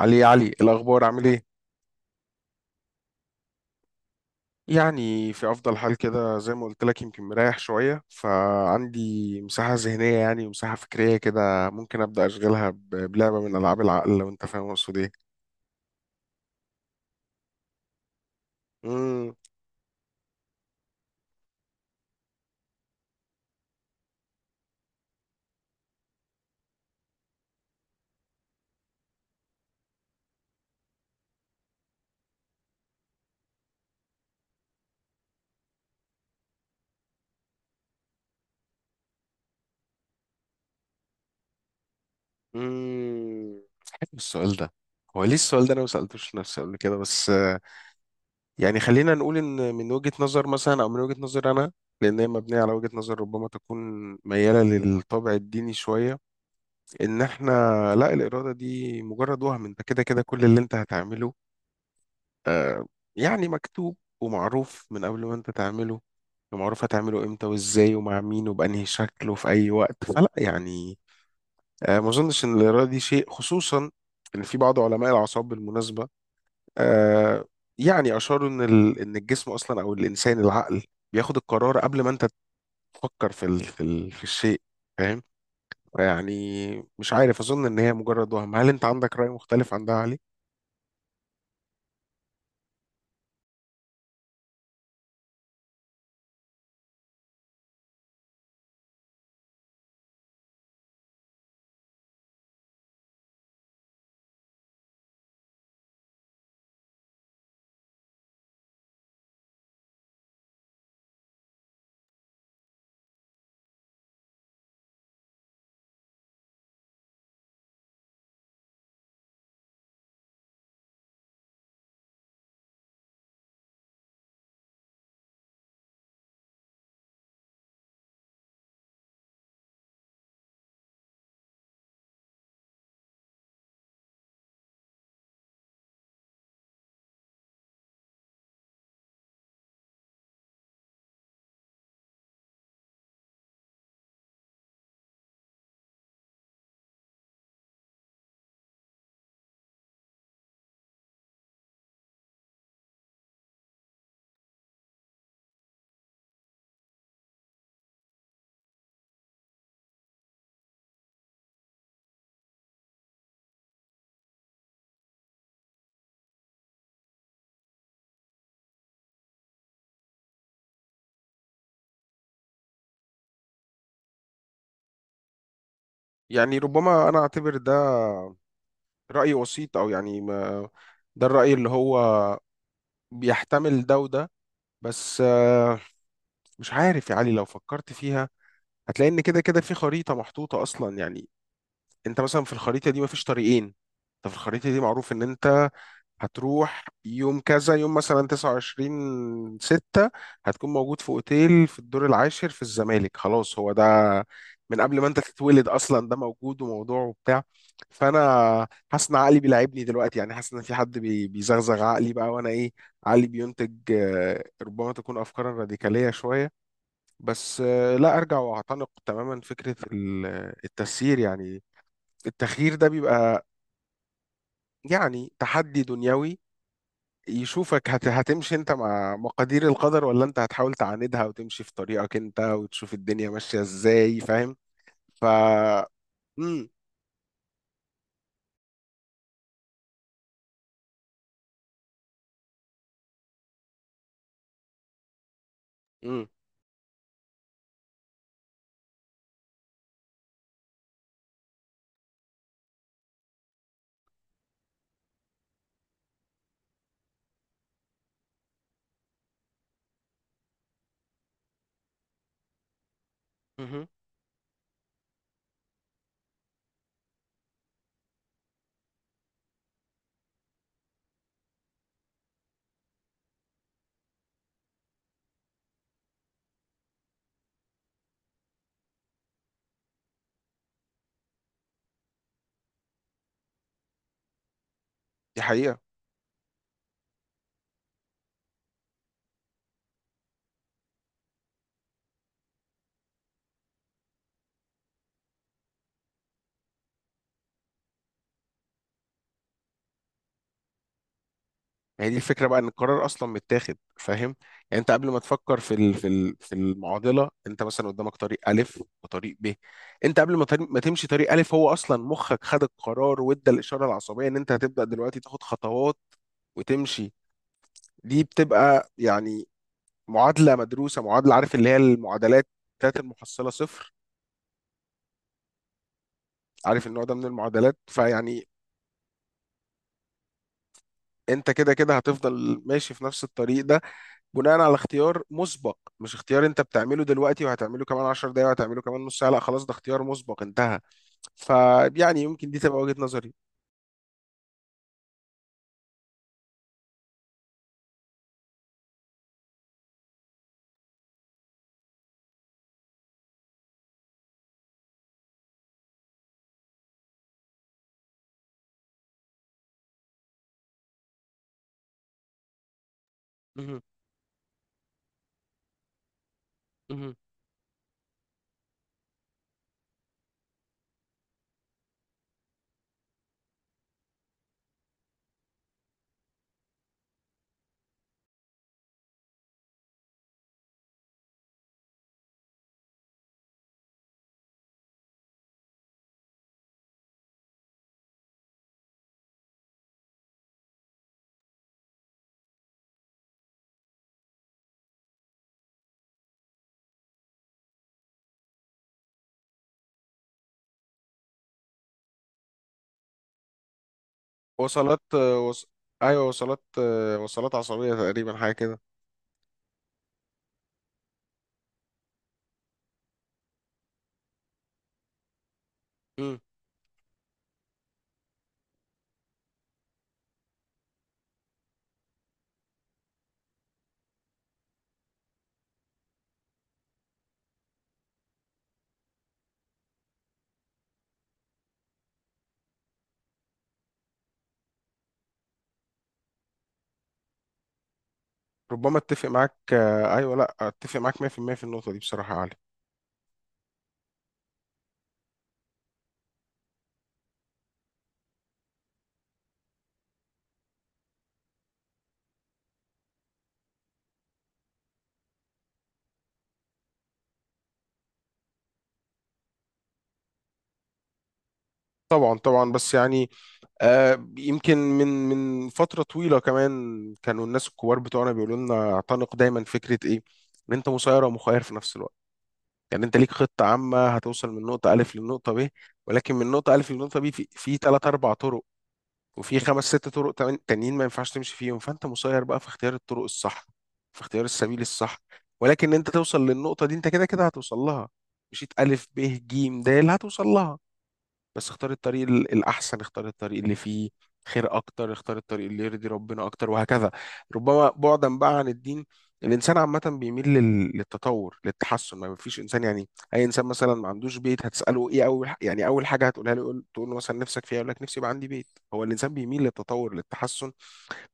علي علي، الأخبار عامل إيه؟ يعني في أفضل حال كده، زي ما قلت لك، يمكن مريح شوية، فعندي مساحة ذهنية يعني، ومساحة فكرية كده ممكن أبدأ أشغلها بلعبة من ألعاب العقل، لو أنت فاهم أقصد إيه؟ مم، مم. حلو السؤال ده. هو ليه السؤال ده أنا ما سألتوش نفسي قبل كده، بس يعني خلينا نقول إن من وجهة نظر مثلا، أو من وجهة نظر أنا، لأن هي مبنية على وجهة نظر ربما تكون ميالة للطابع الديني شوية. ان احنا، لا، الاراده دي مجرد وهم، انت كده كده كل اللي انت هتعمله. آه يعني مكتوب ومعروف من قبل ما انت تعمله، ومعروف هتعمله امتى وازاي ومع مين وبانهي شكل وفي اي وقت، فلا يعني ما اظنش ان الاراده دي شيء. خصوصا ان في بعض علماء الاعصاب بالمناسبه، آه يعني اشاروا ان الجسم اصلا، او الانسان، العقل بياخد القرار قبل ما انت تفكر في الشيء يعني. مش عارف، أظن إن هي مجرد وهم. هل أنت عندك رأي مختلف عن ده، علي؟ يعني ربما أنا أعتبر ده رأي وسيط، أو يعني ما، ده الرأي اللي هو بيحتمل ده وده. بس مش عارف يا علي، لو فكرت فيها هتلاقي إن كده كده في خريطة محطوطة أصلا يعني. انت مثلا في الخريطه دي مفيش طريقين، انت في الخريطه دي معروف ان انت هتروح يوم كذا، يوم مثلا 29 ستة هتكون موجود في اوتيل في الدور العاشر في الزمالك. خلاص، هو ده من قبل ما انت تتولد اصلا ده موجود وموضوع وبتاع. فانا حاسس ان عقلي بيلعبني دلوقتي، يعني حاسس ان في حد بيزغزغ عقلي بقى، وانا ايه، عقلي بينتج ربما تكون افكارا راديكاليه شويه. بس لا ارجع واعتنق تماما فكره التسيير يعني. التخيير ده بيبقى يعني تحدي دنيوي يشوفك هتمشي انت مع مقادير القدر، ولا انت هتحاول تعاندها وتمشي في طريقك انت وتشوف الدنيا ماشية ازاي، فاهم؟ ف امم. امم. مهم. دي حقيقة. يعني دي الفكرة بقى، ان القرار اصلا متاخد، فاهم؟ يعني انت قبل ما تفكر في المعضلة، انت مثلا قدامك طريق الف وطريق ب، انت قبل ما تمشي طريق الف، هو اصلا مخك خد القرار وادى الاشارة العصبية ان انت هتبدأ دلوقتي تاخد خطوات وتمشي. دي بتبقى يعني معادلة مدروسة، معادلة عارف اللي هي المعادلات بتاعت المحصلة صفر، عارف النوع ده من المعادلات، فيعني انت كده كده هتفضل ماشي في نفس الطريق ده بناء على اختيار مسبق، مش اختيار انت بتعمله دلوقتي وهتعمله كمان 10 دقايق وهتعمله كمان نص ساعة. لا، خلاص، ده اختيار مسبق انتهى. فيعني يمكن دي تبقى وجهة نظري. مهم. مهم. وصلات، ايوه وصلات، وصلات عصبية تقريبا، حاجة كده. مم. ربما اتفق معاك. ايوه، لا، اتفق معاك 100% في المية في النقطة دي، بصراحة يا علي. طبعا طبعا، بس يعني يمكن من فترة طويلة كمان، كانوا الناس الكبار بتوعنا بيقولوا لنا اعتنق دايما فكرة ايه، ان انت مسير ومخير في نفس الوقت. يعني انت ليك خطة عامة هتوصل من نقطة ألف للنقطة ب، ولكن من نقطة ألف للنقطة ب في تلات أربع طرق، وفي خمس ست طرق تانيين ما ينفعش تمشي فيهم. فانت مسير بقى في اختيار الطرق الصح، في اختيار السبيل الصح. ولكن انت توصل للنقطة دي، انت كده كده هتوصل لها، مشيت ألف ب ج د هتوصل لها. بس اختار الطريق الأحسن، اختار الطريق اللي فيه خير أكتر، اختار الطريق اللي يرضي ربنا أكتر وهكذا. ربما بعدا بقى عن الدين، الإنسان عامة بيميل للتطور للتحسن. ما فيش إنسان يعني، أي إنسان مثلا ما عندوش بيت هتسأله إيه أول يعني أول حاجة هتقولها له، تقول له مثلا نفسك فيها، يقول لك نفسي يبقى عندي بيت. هو الإنسان بيميل للتطور للتحسن،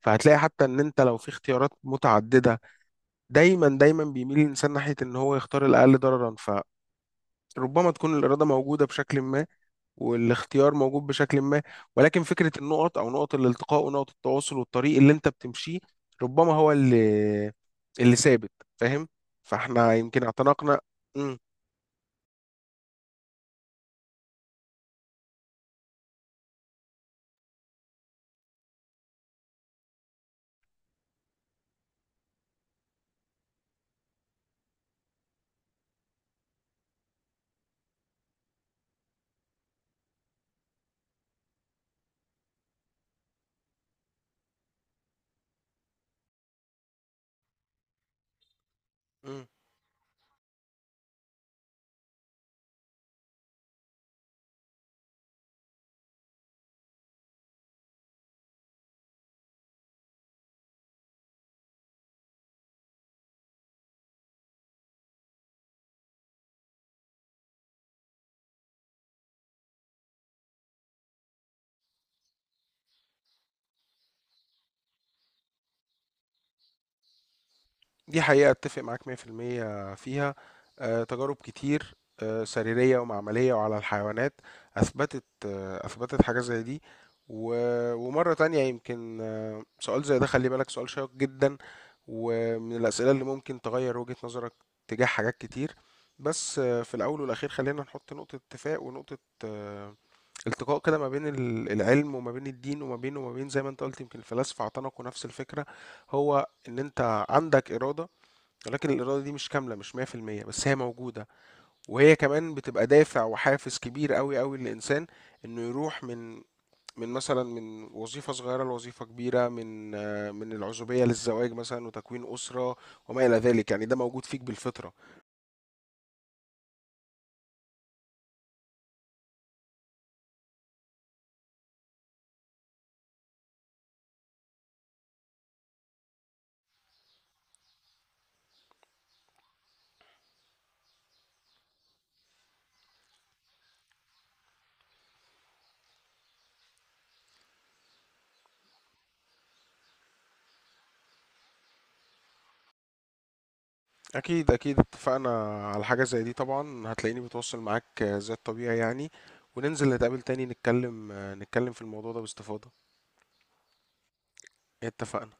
فهتلاقي حتى إن أنت لو في اختيارات متعددة دايما دايما بيميل الإنسان ناحية إن هو يختار الأقل ضررا. فربما تكون الإرادة موجودة بشكل ما، والاختيار موجود بشكل ما، ولكن فكرة النقط أو نقط الالتقاء ونقط التواصل والطريق اللي أنت بتمشيه ربما هو اللي ثابت. فاهم؟ فاحنا يمكن اعتنقنا. مم. مم. دي حقيقة، اتفق معاك 100% فيها. تجارب كتير سريرية ومعملية وعلى الحيوانات أثبتت، حاجة زي دي. ومرة تانية، يمكن سؤال زي ده، خلي بالك، سؤال شيق جدا ومن الأسئلة اللي ممكن تغير وجهة نظرك تجاه حاجات كتير. بس في الأول والأخير خلينا نحط نقطة اتفاق ونقطة آه، التقاء كده، ما بين العلم وما بين الدين، وما بين زي ما انت قلت يمكن الفلاسفة اعتنقوا نفس الفكرة، هو ان انت عندك إرادة، ولكن الإرادة دي مش كاملة، مش 100%، بس هي موجودة، وهي كمان بتبقى دافع وحافز كبير قوي قوي للإنسان إنه يروح من مثلا من وظيفة صغيرة لوظيفة كبيرة، من العزوبية للزواج مثلا وتكوين أسرة وما إلى ذلك يعني، ده موجود فيك بالفطرة. أكيد أكيد اتفقنا على حاجة زي دي طبعا، هتلاقيني بتواصل معاك زي الطبيعي يعني. وننزل نتقابل تاني، نتكلم، في الموضوع ده باستفاضة. اتفقنا.